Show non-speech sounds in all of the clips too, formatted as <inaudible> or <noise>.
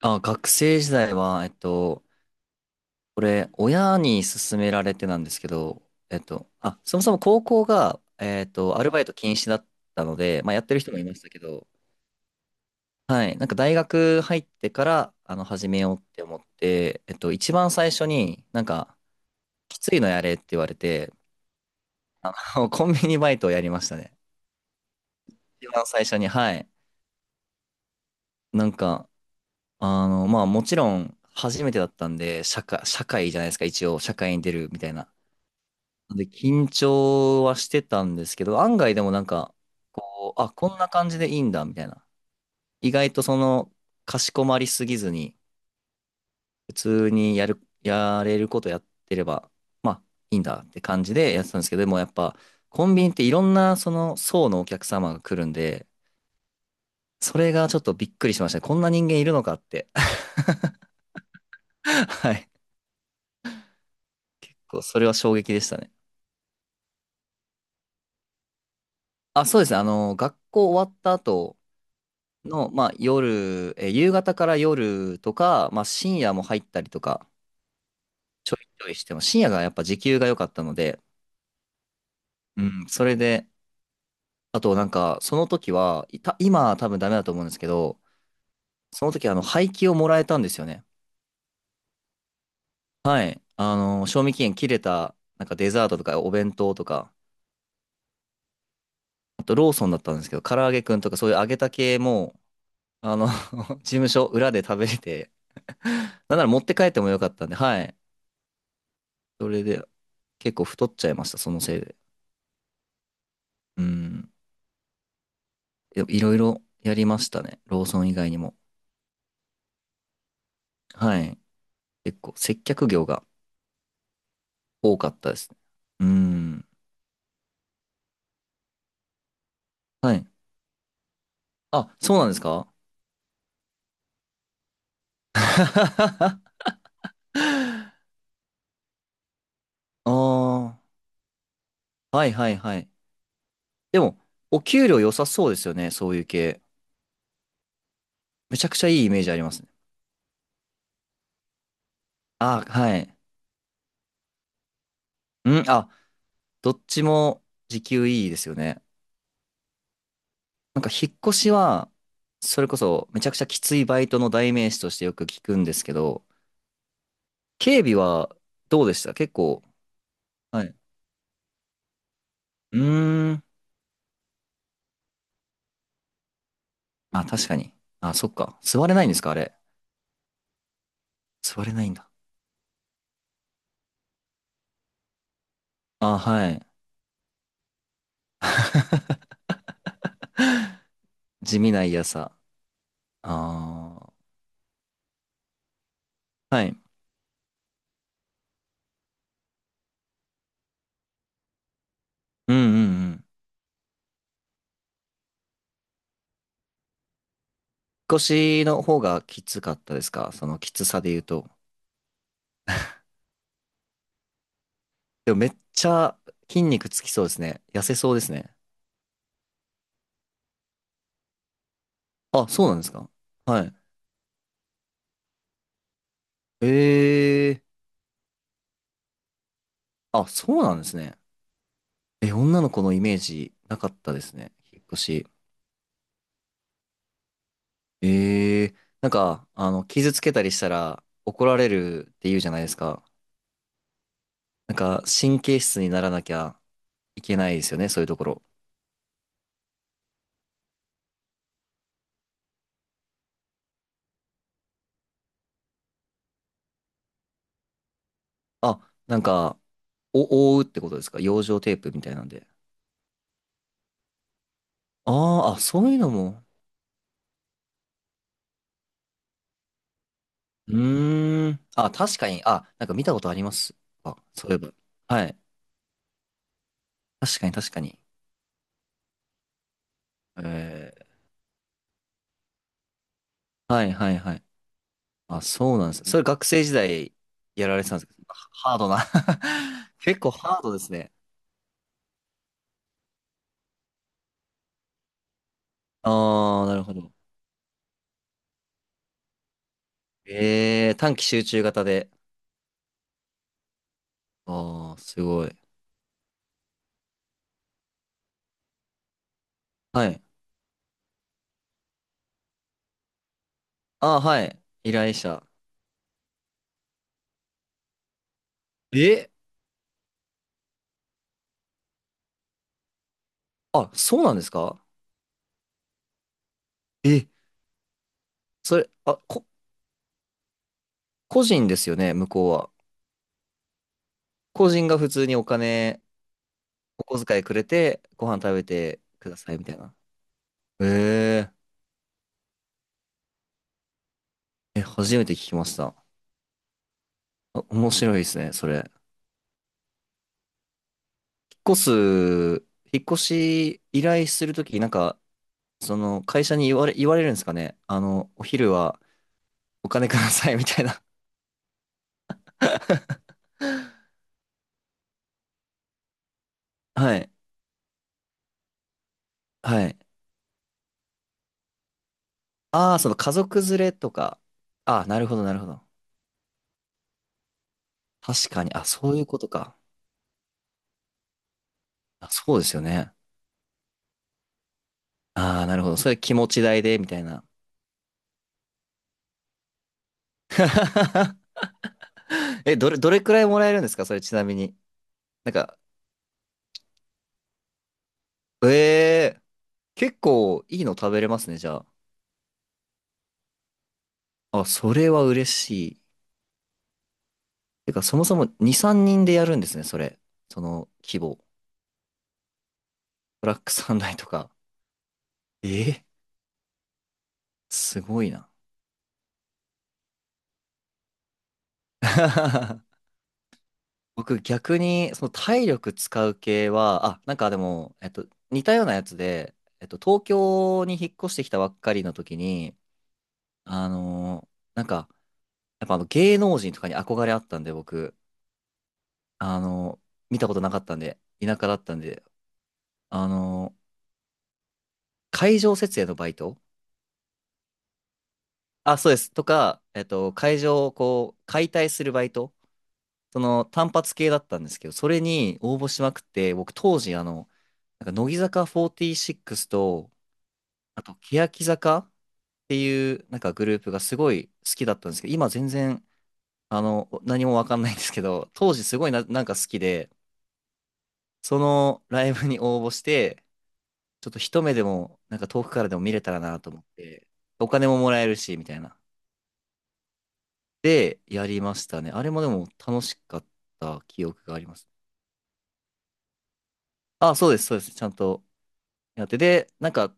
あ、学生時代は、これ、親に勧められてなんですけど、あ、そもそも高校が、アルバイト禁止だったので、まあ、やってる人もいましたけど、はい、なんか大学入ってから、始めようって思って、一番最初になんか、きついのやれって言われて、<laughs> コンビニバイトをやりましたね。一番最初に、はい。なんか、まあ、もちろん、初めてだったんで、社会じゃないですか、一応、社会に出るみたいな。で、緊張はしてたんですけど、案外でもなんか、こんな感じでいいんだ、みたいな。意外とその、かしこまりすぎずに、普通にやれることやってれば、まあ、いいんだって感じでやってたんですけど、でもやっぱ、コンビニっていろんなその層のお客様が来るんで、それがちょっとびっくりしましたね。こんな人間いるのかって。<laughs> はい。それは衝撃でしたね。あ、そうですね。学校終わった後の、まあ、夜、夕方から夜とか、まあ、深夜も入ったりとかちょいちょいしても、深夜がやっぱ時給が良かったので、うん、それで、あとなんか、その時は、今は多分ダメだと思うんですけど、その時廃棄をもらえたんですよね。はい。賞味期限切れた、なんかデザートとかお弁当とか、あとローソンだったんですけど、唐揚げくんとかそういう揚げた系も、<laughs> 事務所裏で食べれて、なんなら持って帰ってもよかったんで、はい。それで結構太っちゃいました、そのせいで。うん。でもいろいろやりましたね。ローソン以外にも。はい。結構接客業が多かったですね。うん。はい。あ、そうなんですか？ <laughs> ああ、はいはいはい。でも、お給料良さそうですよね、そういう系。めちゃくちゃいいイメージありますね。あ、はい。うん、あ、どっちも時給いいですよね。なんか引っ越しは、それこそめちゃくちゃきついバイトの代名詞としてよく聞くんですけど、警備はどうでした、結構？はい。うーん。あ、確かに。あ、そっか。座れないんですか、あれ？座れないんだ。あ、はい。<laughs> 地味な嫌さ。ああ。はい。うんうんうん。引っ越しの方がきつかったですか、そのきつさで言うと？でもめっちゃ筋肉つきそうですね。痩せそうですね。あ、そうなんですか？はい。ええ、あ、そうなんですね。え、女の子のイメージなかったですね、引っ越し。ええ、なんか、傷つけたりしたら怒られるって言うじゃないですか。なんか、神経質にならなきゃいけないですよね、そういうところ。あ、なんか、覆うってことですか、養生テープみたいなんで？あーあ、そういうのも。うーん。あ、確かに。あ、なんか見たことあります。あ、そういえば。はい。確かに、確かに。えー、はい、はい、はい。あ、そうなんです。それ学生時代やられてたんですけど、ハードな <laughs> 結構ハードですね。ああ、なるほど。ええ、短期集中型で。ああ、すごい。はい。ああ、はい。依頼者。え、あ、そうなんですか？え、それ、あ、個人ですよね、向こうは。個人が普通にお金、お小遣いくれて、ご飯食べてください、みたいな。ええ、え、初めて聞きました。あ、面白いですね、それ。越す、引っ越し依頼するとき、なんか、その会社に言われるんですかね。お昼はお金くださいみたいな。<laughs> はい。はい。ああ、その家族連れとか。ああ、なるほど、なるほど。確かに。あ、そういうことか。あ、そうですよね。ああ、なるほど。それ気持ち代で、みたいな。<laughs> え、どれくらいもらえるんですか、それちなみに？なんか、ええ、結構いいの食べれますね、じゃあ。あ、それは嬉しい。てか、そもそも2、3人でやるんですね、それ。その規模。ブラックサンダイとか。えーすごいな。<laughs> 僕逆に、その体力使う系は、あ、なんかでも、似たようなやつで、東京に引っ越してきたばっかりの時に、なんか、やっぱあの芸能人とかに憧れあったんで、僕、あのー見たことなかったんで、田舎だったんで、あのー会場設営のバイト、あ、そうです、とか、会場をこう、解体するバイト、その単発系だったんですけど、それに応募しまくって、僕当時、なんか乃木坂46と、あと、欅坂っていう、なんかグループがすごい好きだったんですけど、今全然、何もわかんないんですけど、当時すごいな、なんか好きで、そのライブに応募して、ちょっと一目でも、なんか遠くからでも見れたらなと思って、お金ももらえるし、みたいな。で、やりましたね。あれもでも楽しかった記憶があります。あ、そうです、そうです。ちゃんとやって。で、なんか、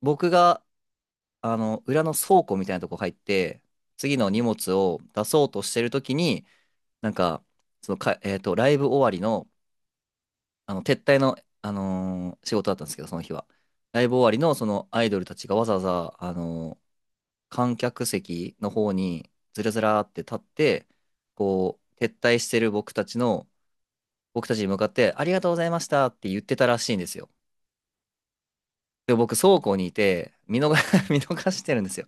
僕が、裏の倉庫みたいなとこ入って、次の荷物を出そうとしてるときに、なんか、ライブ終わりの、撤退の、仕事だったんですけど、その日は。ライブ終わりの、そのアイドルたちがわざわざ、観客席の方に、ずらずらーって立って、こう、撤退してる僕たちに向かって、ありがとうございましたって言ってたらしいんですよ。で、僕、倉庫にいて、<laughs> 見逃してるんですよ。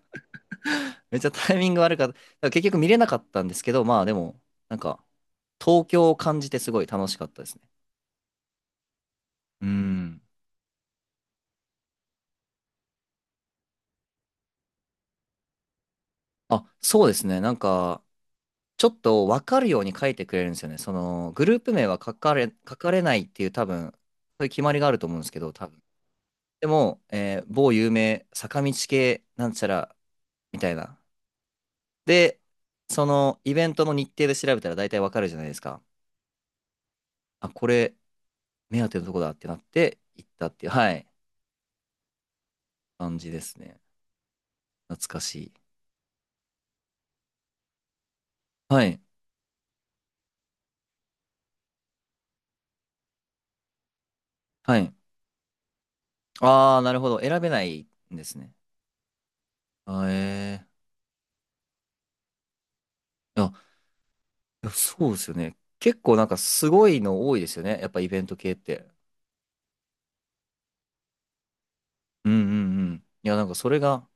めっちゃタイミング悪かった。だから結局見れなかったんですけど、まあでも、なんか、東京を感じてすごい楽しかったですね。うん。あ、そうですね。なんか、ちょっと分かるように書いてくれるんですよね。その、グループ名は書かれ、書かれないっていう多分、そういう決まりがあると思うんですけど、多分。でも、某有名坂道系なんちゃらみたいな。で、そのイベントの日程で調べたら大体わかるじゃないですか。あ、これ、目当てのとこだってなって行ったっていう、はい、感じですね。懐かしい。はい、はい。ああ、なるほど。選べないんですね。あー、えー。あ、いやそうですよね。結構なんかすごいの多いですよね、やっぱイベント系って。うんうんうん。いや、なんかそれが、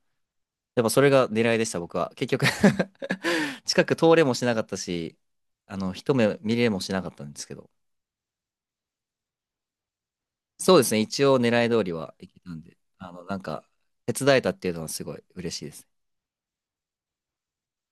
やっぱそれが狙いでした、僕は。結局 <laughs> 近く通れもしなかったし、一目見れもしなかったんですけど。そうですね。一応狙い通りはいけたんで、なんか、手伝えたっていうのはすごい嬉しいですね。